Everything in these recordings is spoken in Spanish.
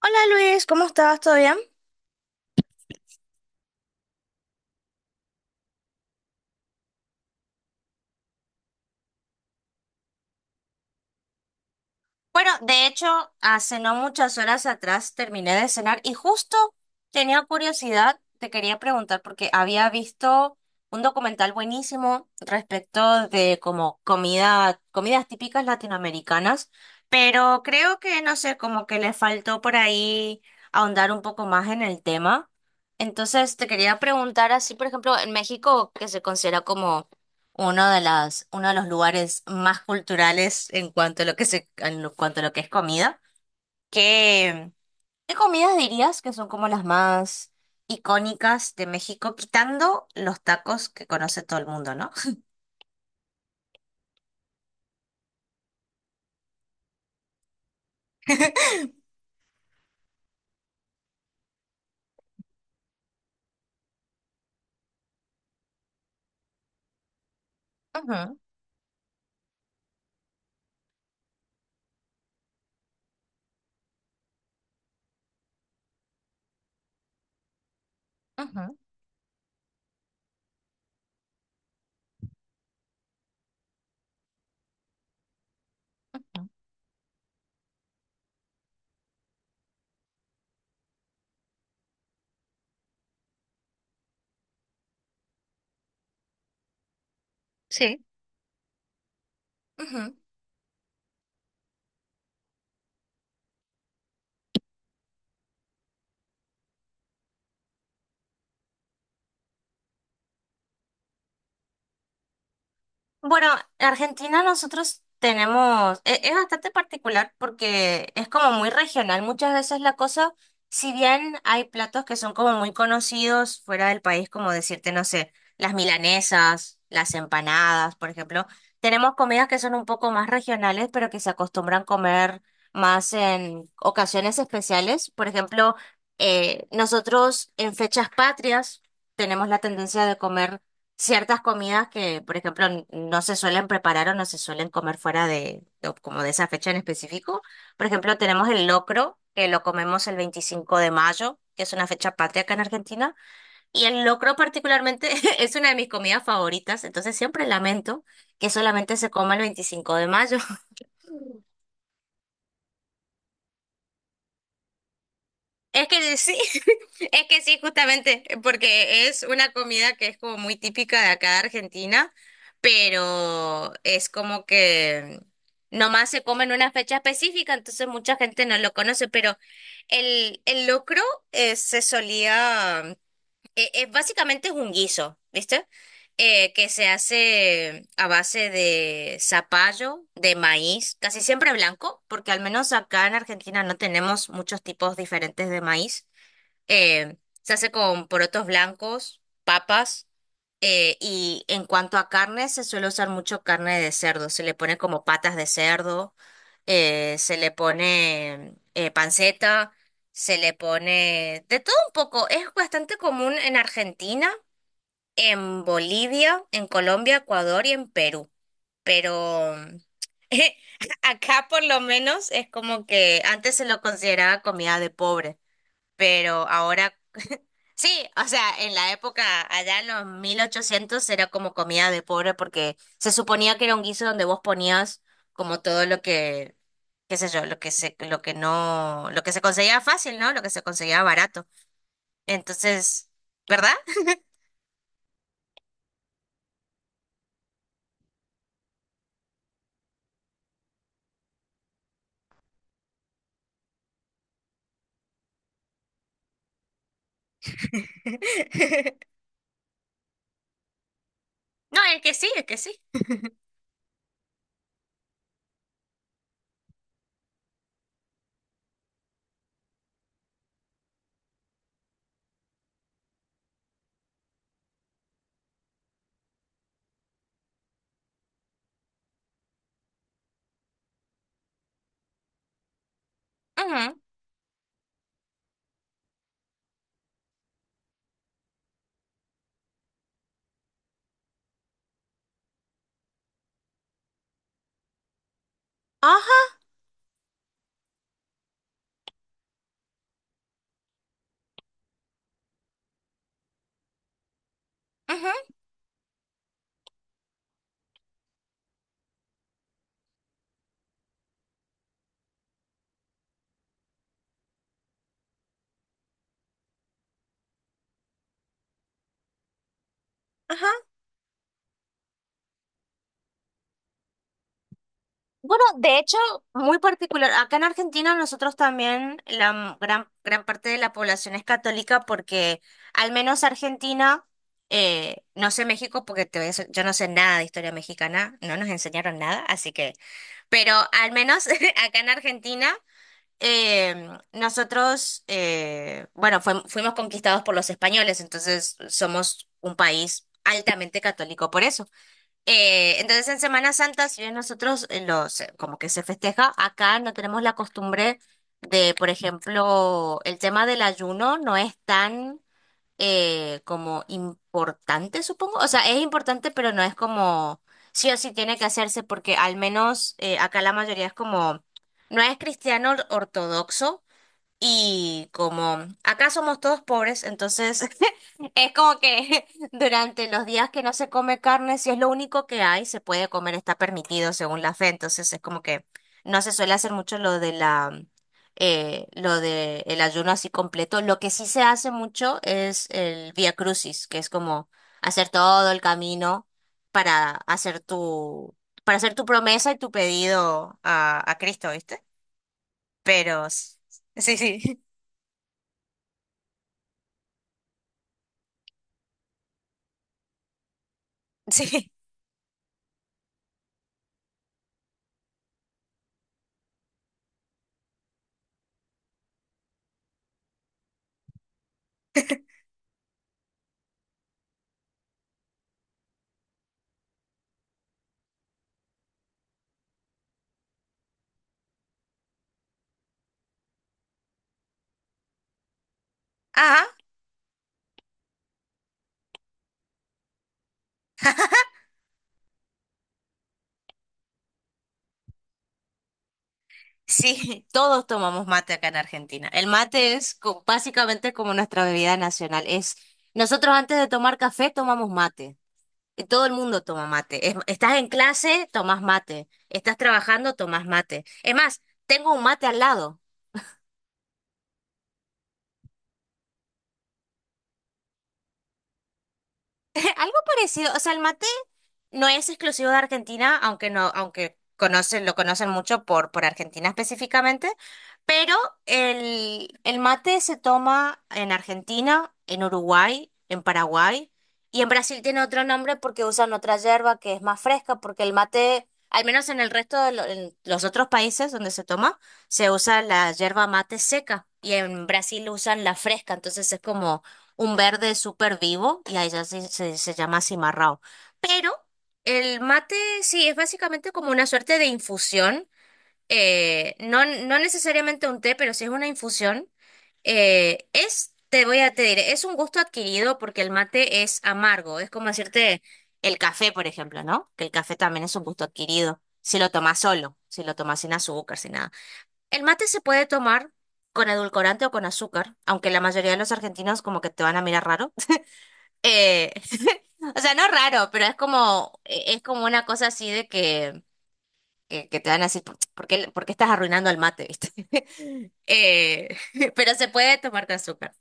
Hola Luis, ¿cómo estás? ¿Todo bien? Bueno, de hecho, hace no muchas horas atrás terminé de cenar y justo tenía curiosidad, te quería preguntar porque había visto un documental buenísimo respecto de como comida, comidas típicas latinoamericanas, pero creo que no sé, como que le faltó por ahí ahondar un poco más en el tema. Entonces, te quería preguntar así, por ejemplo, en México, que se considera como uno de las, uno de los lugares más culturales en cuanto a lo que se, cuanto a lo que es comida. ¿Qué, qué comidas dirías que son como las más icónicas de México, quitando los tacos que conoce todo el mundo, ¿no? Ujú, ujú, ujú. Sí. Bueno, en Argentina nosotros tenemos, es bastante particular porque es como muy regional. Muchas veces la cosa, si bien hay platos que son como muy conocidos fuera del país, como decirte, no sé, las milanesas, las empanadas, por ejemplo, tenemos comidas que son un poco más regionales, pero que se acostumbran comer más en ocasiones especiales. Por ejemplo, nosotros en fechas patrias tenemos la tendencia de comer ciertas comidas que, por ejemplo, no se suelen preparar o no se suelen comer fuera de, como de esa fecha en específico. Por ejemplo, tenemos el locro, que lo comemos el 25 de mayo, que es una fecha patria acá en Argentina. Y el locro particularmente es una de mis comidas favoritas, entonces siempre lamento que solamente se coma el 25 de mayo. Es que sí, es que sí, justamente, porque es una comida que es como muy típica de acá de Argentina, pero es como que nomás se come en una fecha específica, entonces mucha gente no lo conoce, pero el locro se solía básicamente es un guiso, ¿viste? Que se hace a base de zapallo, de maíz, casi siempre blanco, porque al menos acá en Argentina no tenemos muchos tipos diferentes de maíz. Eh, Se hace con porotos blancos, papas. Y en cuanto a carne, se suele usar mucho carne de cerdo. Se le pone como patas de cerdo, se le pone panceta, se le pone de todo un poco. Es bastante común en Argentina, en Bolivia, en Colombia, Ecuador y en Perú. Pero acá por lo menos es como que antes se lo consideraba comida de pobre, pero ahora sí, o sea, en la época, allá en los 1800 era como comida de pobre porque se suponía que era un guiso donde vos ponías como todo lo que, qué sé yo, lo que se, lo que no, lo que se conseguía fácil, ¿no? Lo que se conseguía barato. Entonces, ¿verdad? No, es que sí, es que sí. Ujú, ajá, ujú, ajá. Bueno, de hecho, muy particular. Acá en Argentina nosotros también la gran, gran parte de la población es católica porque al menos Argentina, no sé México porque te voy a ser- yo no sé nada de historia mexicana, no nos enseñaron nada, así que, pero al menos acá en Argentina nosotros, bueno, fuimos conquistados por los españoles, entonces somos un país altamente católico por eso. Entonces en Semana Santa, si bien nosotros como que se festeja, acá no tenemos la costumbre de, por ejemplo, el tema del ayuno no es tan como importante, supongo. O sea, es importante, pero no es como sí o sí tiene que hacerse porque al menos acá la mayoría es como, no es cristiano ortodoxo y como acá somos todos pobres, entonces es como que durante los días que no se come carne, si es lo único que hay, se puede comer, está permitido según la fe. Entonces es como que no se suele hacer mucho lo de la lo de el ayuno así completo. Lo que sí se hace mucho es el Vía Crucis, que es como hacer todo el camino para hacer tu para hacer tu promesa y tu pedido a Cristo, ¿viste? Pero s- sí, sí. Sí. Ah, sí, todos tomamos mate acá en Argentina. El mate es básicamente como nuestra bebida nacional. Es, nosotros antes de tomar café tomamos mate. Y todo el mundo toma mate. Es- estás en clase, tomas mate. Estás trabajando, tomas mate. Es más, tengo un mate al lado. Algo parecido, o sea, el mate no es exclusivo de Argentina, aunque no, aunque conocen, lo conocen mucho por Argentina específicamente, pero el mate se toma en Argentina, en Uruguay, en Paraguay, y en Brasil tiene otro nombre porque usan otra yerba que es más fresca, porque el mate, al menos en el resto de en los otros países donde se toma, se usa la yerba mate seca, y en Brasil usan la fresca, entonces es como un verde súper vivo y a ella se llama cimarrao. Pero el mate sí es básicamente como una suerte de infusión, no, no necesariamente un té, pero sí es una infusión. Es, te voy a Te diré, es un gusto adquirido porque el mate es amargo, es como decirte el café, por ejemplo, ¿no? Que el café también es un gusto adquirido, si lo tomas solo, si lo tomas sin azúcar, sin nada. El mate se puede tomar con edulcorante o con azúcar, aunque la mayoría de los argentinos como que te van a mirar raro. Eh, o sea, no raro, pero es como, es como una cosa así de que, que te van a decir, por qué estás arruinando el mate, viste? Eh, pero se puede tomar con azúcar.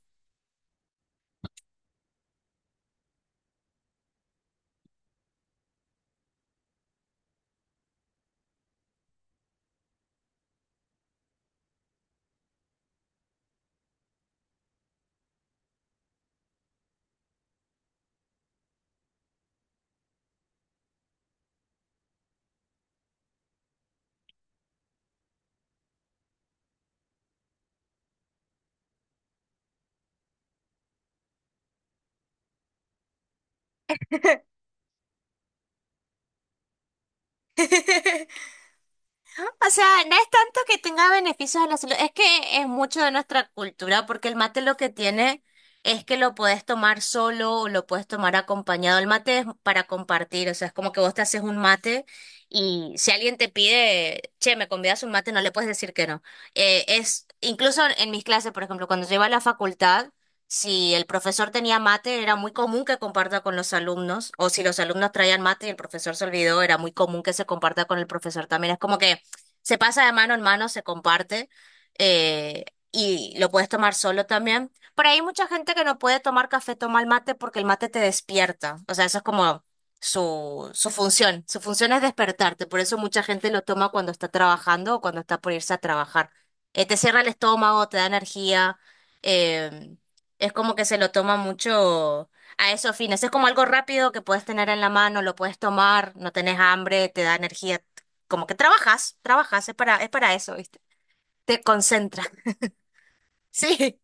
O sea, no es tanto que tenga beneficios a la salud, es que es mucho de nuestra cultura, porque el mate lo que tiene es que lo puedes tomar solo o lo puedes tomar acompañado. El mate es para compartir, o sea, es como que vos te haces un mate y si alguien te pide, che, me convidas un mate, no le puedes decir que no. Incluso en mis clases, por ejemplo, cuando yo iba a la facultad, si el profesor tenía mate, era muy común que comparta con los alumnos, o si los alumnos traían mate y el profesor se olvidó, era muy común que se comparta con el profesor también. Es como que se pasa de mano en mano, se comparte eh, y lo puedes tomar solo también. Pero hay mucha gente que no puede tomar café, toma el mate porque el mate te despierta. O sea, eso es como su función. Su función es despertarte. Por eso mucha gente lo toma cuando está trabajando o cuando está por irse a trabajar. Te cierra el estómago, te da energía. eh, es como que se lo toma mucho a esos fines. Es como algo rápido que puedes tener en la mano, lo puedes tomar, no tenés hambre, te da energía como que trabajas, trabajas, es para eso, ¿viste? Te concentras. Sí,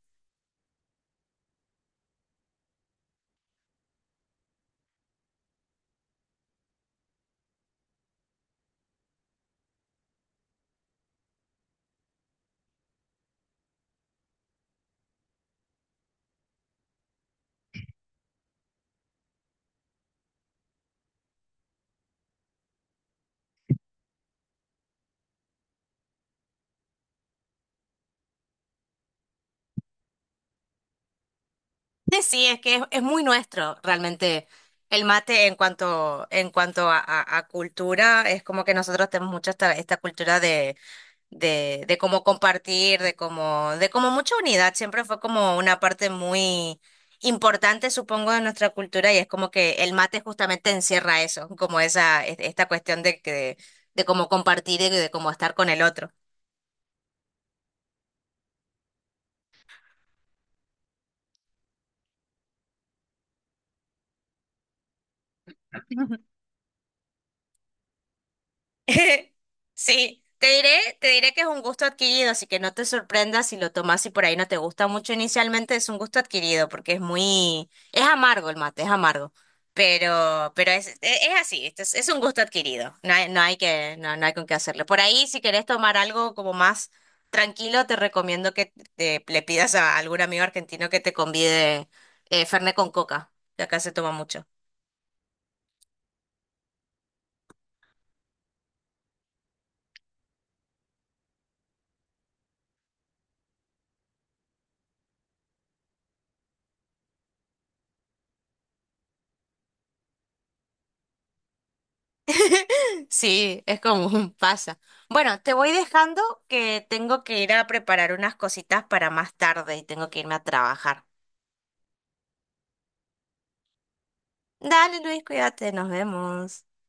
sí, sí, es que es muy nuestro realmente el mate en cuanto a, a cultura, es como que nosotros tenemos mucho esta, esta cultura de, de cómo compartir, de cómo, de como mucha unidad, siempre fue como una parte muy importante, supongo, de nuestra cultura y es como que el mate justamente encierra eso, como esa, esta cuestión de que, de cómo compartir y de cómo estar con el otro. Sí, te diré que es un gusto adquirido, así que no te sorprendas si lo tomas y por ahí no te gusta mucho inicialmente, es un gusto adquirido porque es muy, es amargo el mate, es amargo, pero es así, es un gusto adquirido, no hay, no, no hay con qué hacerle. Por ahí, si querés tomar algo como más tranquilo, te recomiendo que le pidas a algún amigo argentino que te convide Fernet con coca, que acá se toma mucho. Sí, es común, pasa. Bueno, te voy dejando que tengo que ir a preparar unas cositas para más tarde y tengo que irme a trabajar. Dale, Luis, cuídate, nos vemos.